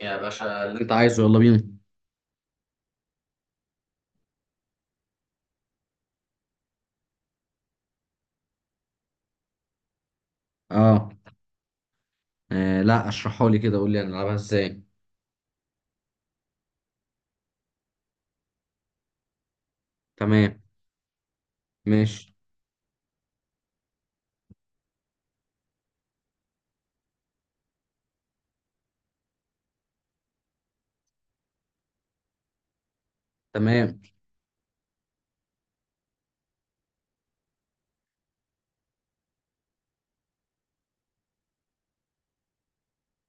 يا باشا اللي كنت انت عايزه عايزه يلا بينا. اه. لا، اشرحها لي كده، قول لي هنلعبها ازاي؟ تمام. ماشي. تمام.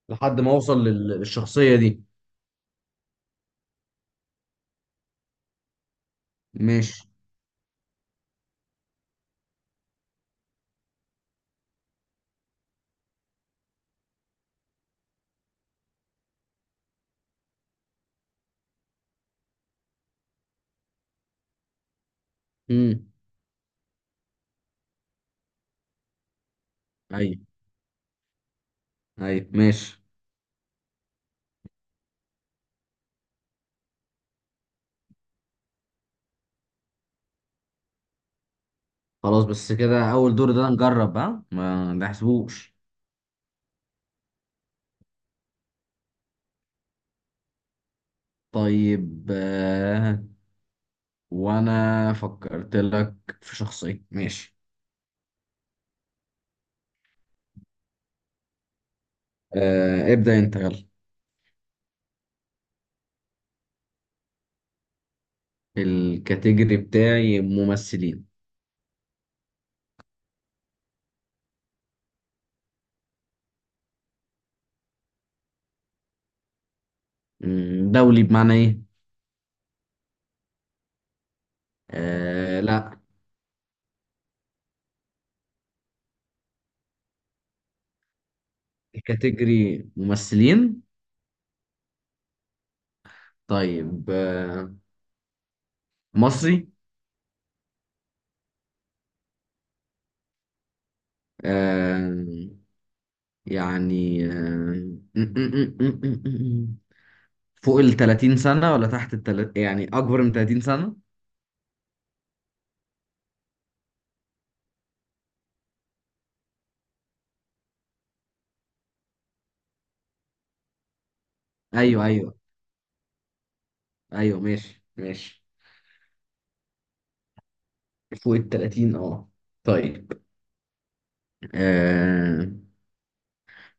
لحد ما اوصل للشخصية دي. ماشي. امم ايوه، ايوه، ماشي، خلاص. بس كده اول دور ده نجرب، ها؟ ما نحسبوش. طيب. وانا فكرت لك في شخصية. ماشي. ابدأ انت، يلا. الكاتيجوري بتاعي ممثلين. دولي بمعنى ايه؟ لا. كاتيجوري ممثلين. طيب، مصري. آه، يعني آه، فوق ال 30 سنة ولا تحت ال 30؟ يعني أكبر من 30 سنة؟ أيوه، أيوه، أيوه، ماشي، ماشي. فوق ال 30. طيب. آه،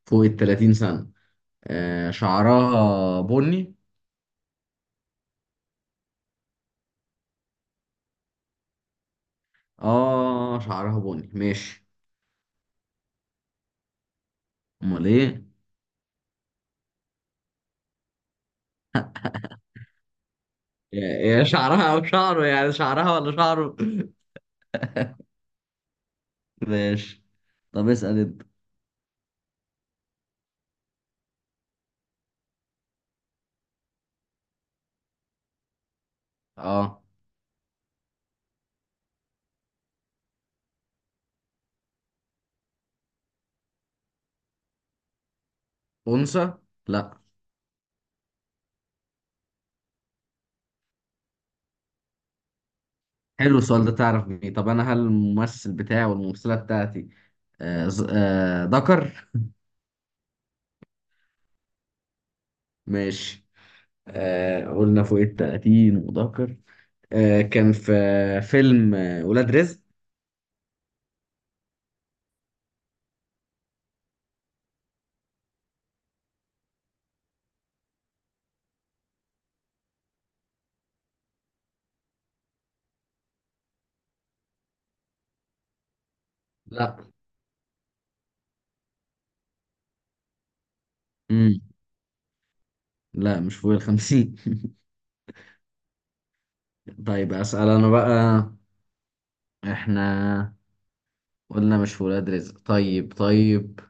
فوق ال 30 سنة. شعرها بني. شعرها بني. ماشي. أمال إيه؟ يا يا شعرها أو شعره، يعني شعرها ولا شعره؟ ماشي. طب اسأل انت. اه، انثى؟ لا. حلو السؤال ده، تعرف بيه. طب انا هل الممثل بتاعي والممثله بتاعتي ذكر. ماشي. قلنا فوق التلاتين وذكر. كان في فيلم ولاد رزق. لا. امم لا، مش فوق الخمسين. طيب، اسال انا بقى. احنا قلنا مش في ولاد رزق. طيب، طيب.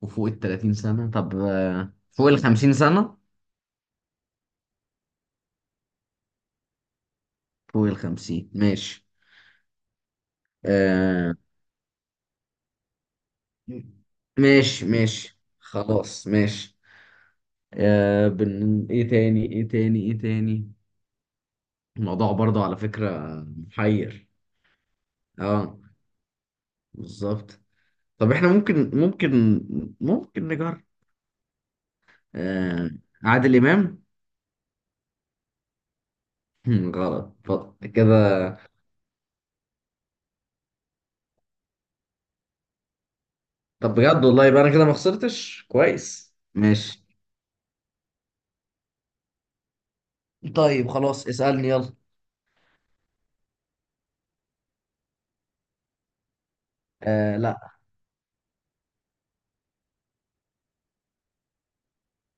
وفوق التلاتين سنه. طب فوق الخمسين سنه؟ فوق الخمسين؟ ماشي. آه ماشي، ماشي، خلاص، ماشي. ايه تاني؟ ايه تاني؟ ايه تاني؟ الموضوع برضه على فكرة محير. اه، بالظبط. طب احنا ممكن نجرب. آه عادل امام. غلط كده. طب بجد والله، يبقى انا كده ما خسرتش كويس. ماشي. طيب، خلاص، اسألني يلا. لا.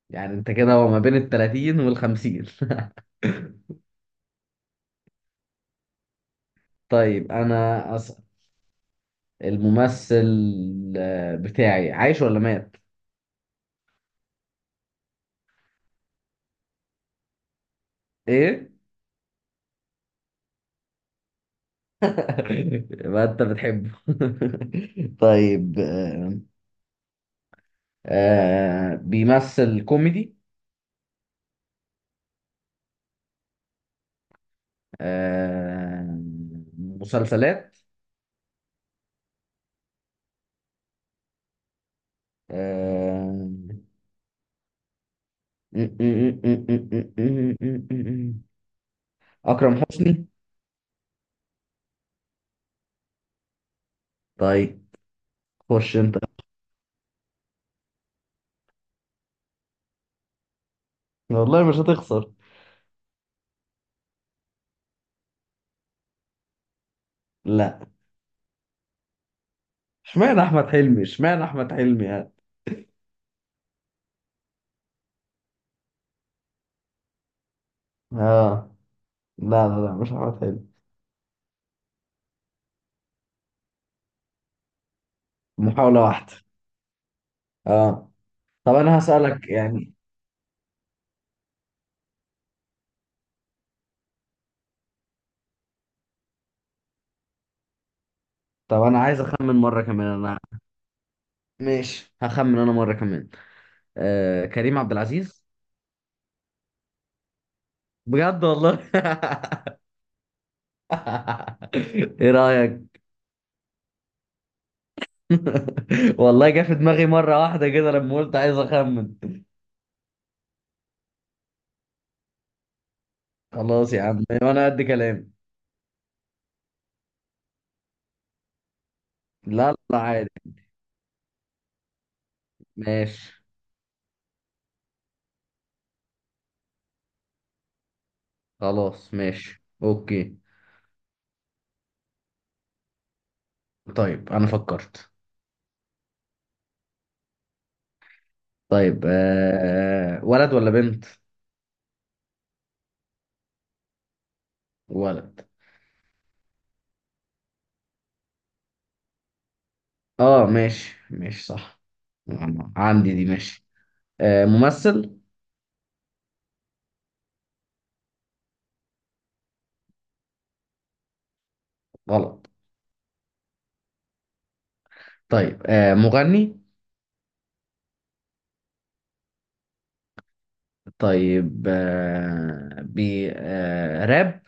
يعني انت كده هو ما بين ال 30 وال 50. طيب انا أسأل. الممثل بتاعي عايش ولا مات؟ ايه؟ ما انت بتحبه. طيب، بيمثل كوميدي. آه، مسلسلات. آه، اكرم حسني. طيب، خش انت. والله مش هتخسر. لا. اشمعنى احمد حلمي، اشمعنى احمد حلمي يعني؟ اه. لا، لا، لا، مش احمد حلمي. محاولة واحدة. اه. طب انا هسألك يعني. طب انا عايز اخمن مرة كمان، انا. ماشي، هخمن انا مرة كمان. كريم عبد العزيز. بجد والله. ايه رأيك؟ والله جه في دماغي مرة واحدة كده لما قلت عايز اخمن. خلاص يا عم، وانا قد كلام. لا، لا، عادي. ماشي، خلاص، ماشي، اوكي. طيب انا فكرت. طيب، ولد ولا بنت؟ ولد. اه، ماشي، ماشي، صح. عندي دي، ماشي. ممثل. غلط. طيب، مغني. طيب، آه، بي آه، راب.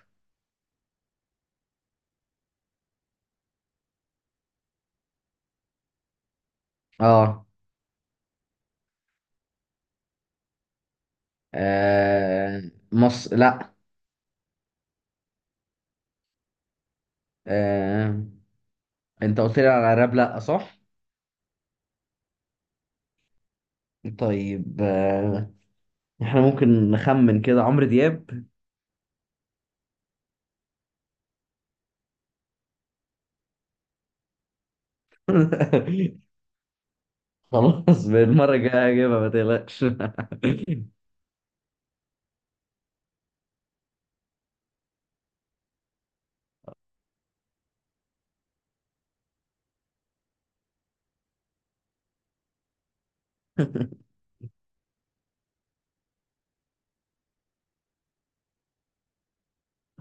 اه. آه، مص لا. آه، انت قلت لي على راب، لا صح؟ طيب، احنا ممكن نخمن كده، عمرو دياب. خلاص، بالمرة الجاية هجيبها ما تقلقش.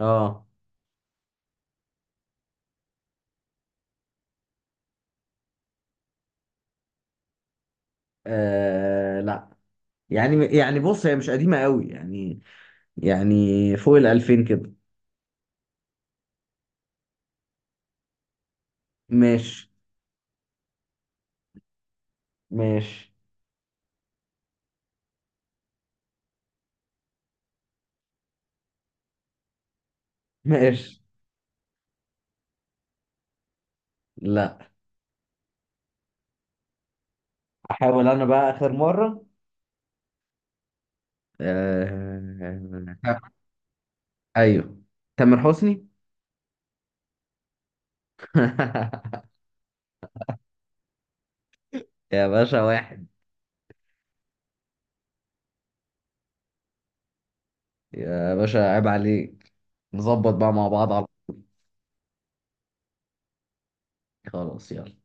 اه. لا، يعني بص هي مش قديمة قوي يعني. يعني فوق الألفين كده. ماشي، ماشي. ماشي. لا، احاول انا بقى اخر مرة. آه... ايوه، تامر حسني. يا باشا، واحد. يا باشا عيب عليك. نظبط بقى مع بعض على... خلاص، يلا.